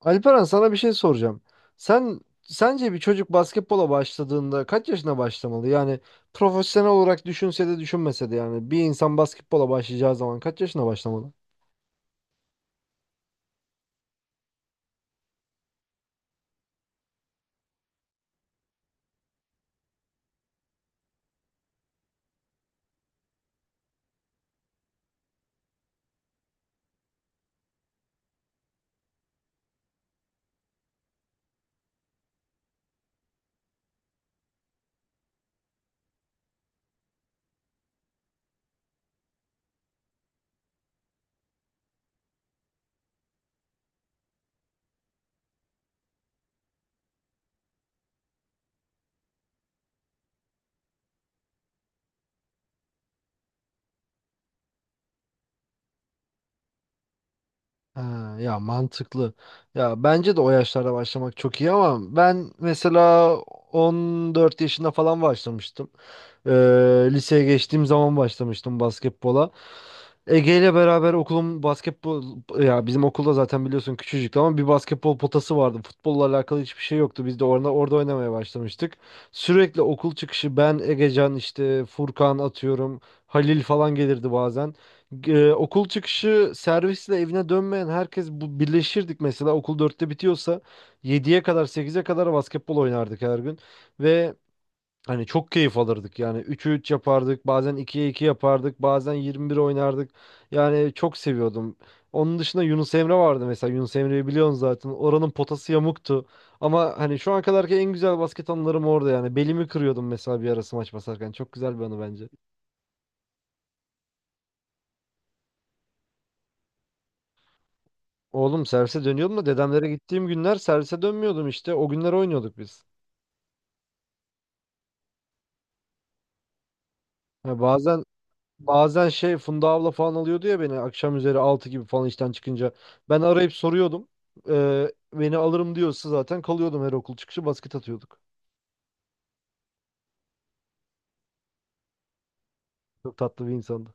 Alperen sana bir şey soracağım. Sen sence bir çocuk basketbola başladığında kaç yaşına başlamalı? Yani profesyonel olarak düşünse de düşünmese de yani bir insan basketbola başlayacağı zaman kaç yaşına başlamalı? Ha, ya mantıklı. Ya bence de o yaşlarda başlamak çok iyi ama ben mesela 14 yaşında falan başlamıştım. Ee, Liseye geçtiğim zaman başlamıştım basketbola. Ege ile beraber okulun basketbol ya bizim okulda zaten biliyorsun küçücüktü ama bir basketbol potası vardı. Futbolla alakalı hiçbir şey yoktu. Biz de orada oynamaya başlamıştık. Sürekli okul çıkışı ben, Egecan işte Furkan atıyorum. Halil falan gelirdi bazen. Okul çıkışı servisle evine dönmeyen herkes bu birleşirdik mesela okul dörtte bitiyorsa yediye kadar sekize kadar basketbol oynardık her gün ve hani çok keyif alırdık yani 3'e 3 yapardık bazen ikiye 2 yapardık bazen 21 oynardık yani çok seviyordum. Onun dışında Yunus Emre vardı mesela Yunus Emre'yi biliyorsun zaten oranın potası yamuktu ama hani şu ana kadarki en güzel basket anılarım orada yani belimi kırıyordum mesela bir ara smaç basarken çok güzel bir anı bence. Oğlum servise dönüyordum da dedemlere gittiğim günler servise dönmüyordum işte o günler oynuyorduk biz. Ha, Bazen şey Funda abla falan alıyordu ya beni akşam üzeri 6 gibi falan işten çıkınca. Ben arayıp soruyordum. Beni alırım diyorsa zaten kalıyordum her okul çıkışı basket atıyorduk. Çok tatlı bir insandı.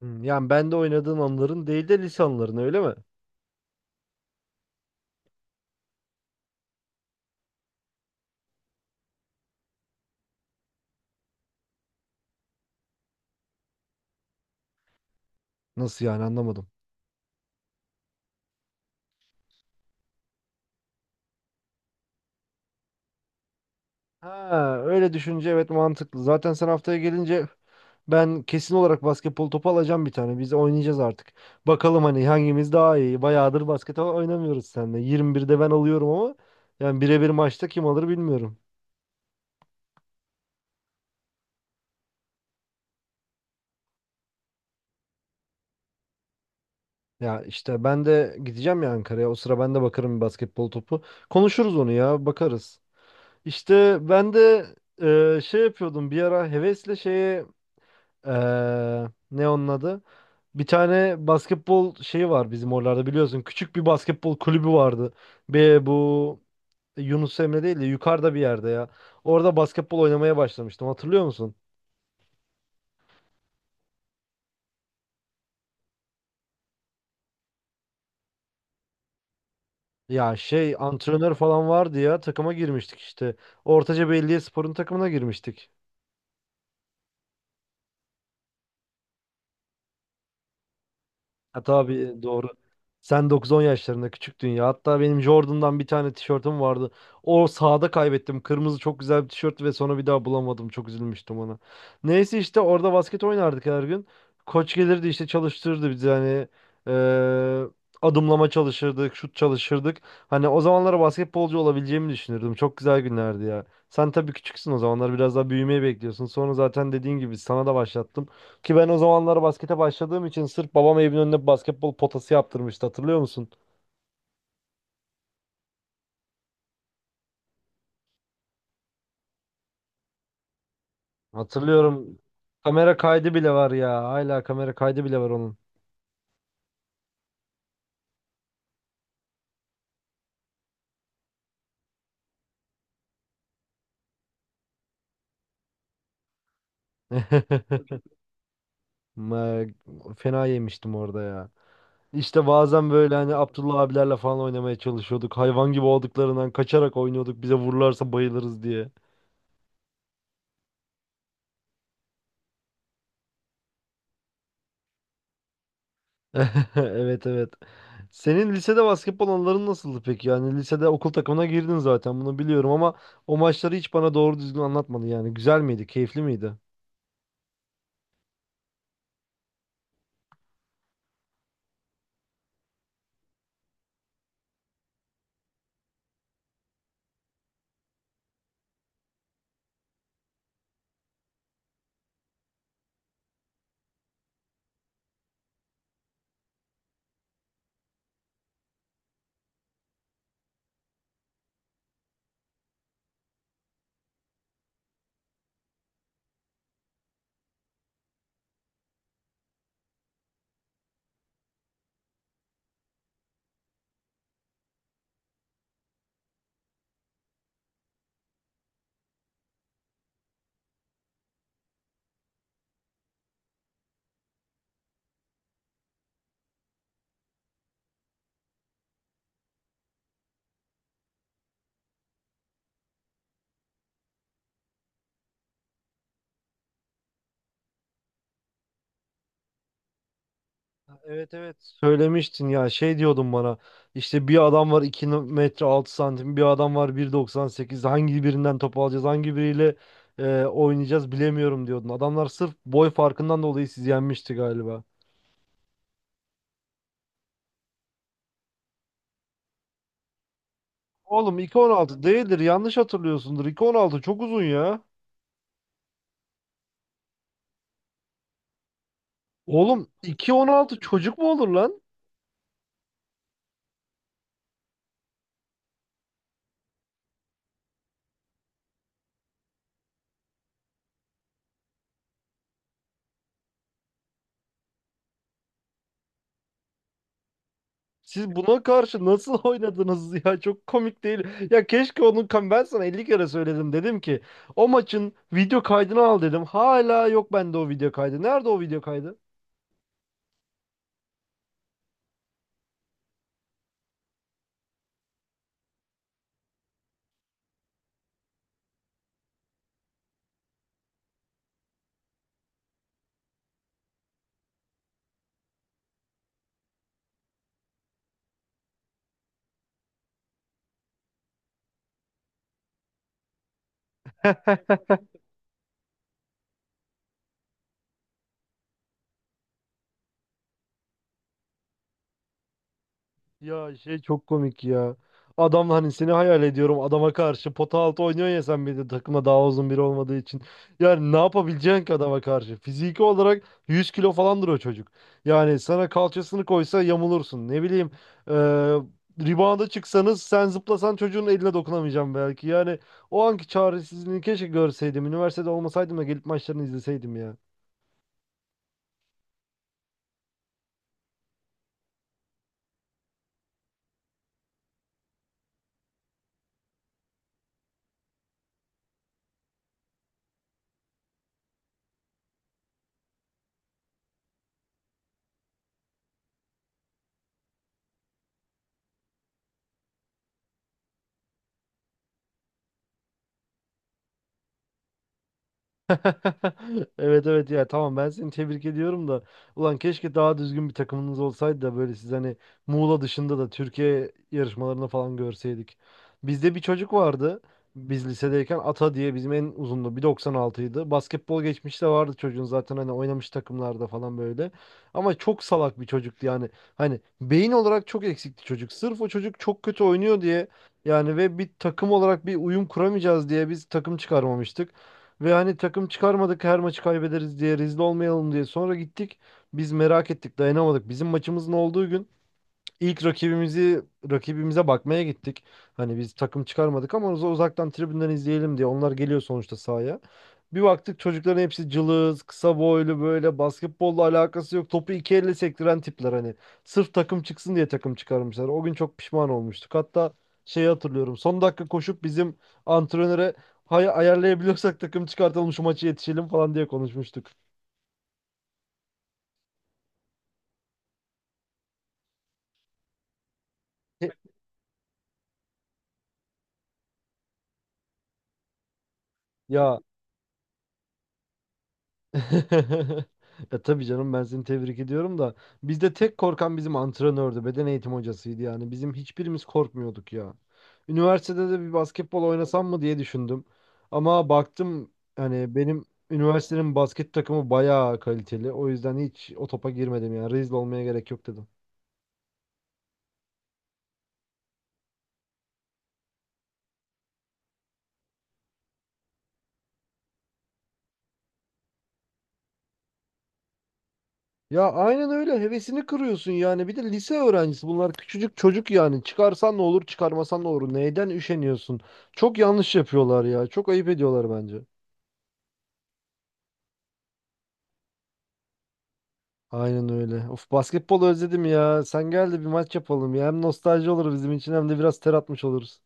Hmm, yani ben de oynadığın anların değil de lise anıların öyle mi? Nasıl yani anlamadım. Ha öyle düşünce evet mantıklı. Zaten sen haftaya gelince ben kesin olarak basketbol topu alacağım bir tane. Biz oynayacağız artık. Bakalım hani hangimiz daha iyi. Bayağıdır basket oynamıyoruz seninle. 21'de ben alıyorum ama yani birebir maçta kim alır bilmiyorum. Ya işte ben de gideceğim ya Ankara'ya. O sıra ben de bakarım bir basketbol topu. Konuşuruz onu ya, bakarız. İşte ben de şey yapıyordum bir ara hevesle şeye e, ne onun adı? Bir tane basketbol şeyi var bizim oralarda biliyorsun. Küçük bir basketbol kulübü vardı. Bir bu Yunus Emre değil de yukarıda bir yerde ya. Orada basketbol oynamaya başlamıştım. Hatırlıyor musun? Ya şey antrenör falan vardı ya takıma girmiştik işte. Ortaca Belediyespor'un takımına girmiştik. Ha, tabii doğru. Sen 9-10 yaşlarında küçüktün ya. Hatta benim Jordan'dan bir tane tişörtüm vardı. O sahada kaybettim. Kırmızı çok güzel bir tişört ve sonra bir daha bulamadım. Çok üzülmüştüm ona. Neyse işte orada basket oynardık her gün. Koç gelirdi işte çalıştırırdı bizi hani eee, adımlama çalışırdık, şut çalışırdık. Hani o zamanlara basketbolcu olabileceğimi düşünürdüm. Çok güzel günlerdi ya. Sen tabii küçüksün o zamanlar biraz daha büyümeyi bekliyorsun. Sonra zaten dediğin gibi sana da başlattım. Ki ben o zamanlar baskete başladığım için sırf babam evimin önüne basketbol potası yaptırmıştı. Hatırlıyor musun? Hatırlıyorum. Kamera kaydı bile var ya. Hala kamera kaydı bile var onun. Ma- Fena yemiştim orada ya. İşte bazen böyle hani Abdullah abilerle falan oynamaya çalışıyorduk. Hayvan gibi olduklarından kaçarak oynuyorduk. Bize vururlarsa bayılırız diye. Evet, evet. Senin lisede basketbol anıların nasıldı peki? Yani lisede okul takımına girdin zaten bunu biliyorum ama o maçları hiç bana doğru düzgün anlatmadın yani. Güzel miydi? Keyifli miydi? Evet, evet, söylemiştin ya şey diyordun bana işte bir adam var 2.06 m bir adam var 1.98 hangi birinden top alacağız hangi biriyle oynayacağız bilemiyorum diyordun. Adamlar sırf boy farkından dolayı sizi yenmişti galiba. Oğlum 2.16 değildir yanlış hatırlıyorsundur 2.16 çok uzun ya. Oğlum iki on altı çocuk mu olur lan? Siz buna karşı nasıl oynadınız ya? Çok komik değil. Ya keşke onun ben sana 50 kere söyledim dedim ki o maçın video kaydını al dedim. Hala yok bende o video kaydı. Nerede o video kaydı? Ya şey çok komik ya. Adam hani seni hayal ediyorum adama karşı pota altı oynuyor ya sen bir de takıma daha uzun biri olmadığı için. Yani ne yapabileceksin ki adama karşı? Fiziki olarak 100 kilo falandır o çocuk. Yani sana kalçasını koysa yamulursun. Ne bileyim e, rebound'a çıksanız sen zıplasan çocuğun eline dokunamayacaksın belki. Yani o anki çaresizliğini keşke görseydim. Üniversitede olmasaydım da gelip maçlarını izleseydim ya. Evet, evet, ya tamam ben seni tebrik ediyorum da ulan keşke daha düzgün bir takımınız olsaydı da böyle siz hani Muğla dışında da Türkiye yarışmalarını falan görseydik. Bizde bir çocuk vardı biz lisedeyken Ata diye bizim en uzundu 1.96'ydı. Basketbol geçmişi de vardı çocuğun zaten hani oynamış takımlarda falan böyle. Ama çok salak bir çocuktu yani hani beyin olarak çok eksikti çocuk. Sırf o çocuk çok kötü oynuyor diye yani ve bir takım olarak bir uyum kuramayacağız diye biz takım çıkarmamıştık. Ve hani takım çıkarmadık her maçı kaybederiz diye rezil olmayalım diye. Sonra gittik biz merak ettik dayanamadık. Bizim maçımızın olduğu gün İlk rakibimizi rakibimize bakmaya gittik. Hani biz takım çıkarmadık ama uzaktan tribünden izleyelim diye. Onlar geliyor sonuçta sahaya. Bir baktık çocukların hepsi cılız, kısa boylu böyle basketbolla alakası yok. Topu iki elle sektiren tipler hani. Sırf takım çıksın diye takım çıkarmışlar. O gün çok pişman olmuştuk. Hatta şeyi hatırlıyorum. Son dakika koşup bizim antrenöre ayarlayabiliyorsak takım çıkartalım şu maçı yetişelim falan diye konuşmuştuk. Ya E, tabii canım, ben seni tebrik ediyorum da bizde tek korkan bizim antrenördü, beden eğitim hocasıydı yani. Bizim hiçbirimiz korkmuyorduk ya. Üniversitede de bir basketbol oynasam mı diye düşündüm. Ama baktım hani benim üniversitenin basket takımı bayağı kaliteli. O yüzden hiç o topa girmedim yani. Rezil olmaya gerek yok dedim. Ya aynen öyle, hevesini kırıyorsun yani. Bir de lise öğrencisi bunlar küçücük çocuk yani. Çıkarsan ne olur, çıkarmasan ne olur. Neyden üşeniyorsun? Çok yanlış yapıyorlar ya. Çok ayıp ediyorlar bence. Aynen öyle. Of, basketbol özledim ya. Sen gel de bir maç yapalım ya. Hem nostalji olur bizim için hem de biraz ter atmış oluruz.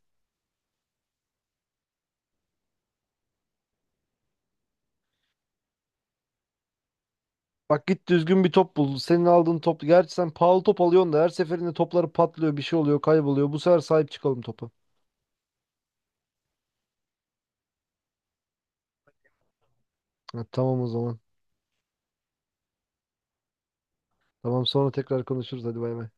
Bak git düzgün bir top bul. Senin aldığın top. Gerçi sen pahalı top alıyorsun da her seferinde topları patlıyor, bir şey oluyor, kayboluyor. Bu sefer sahip çıkalım topa. Ha, tamam o zaman. Tamam, sonra tekrar konuşuruz. Hadi bay bay.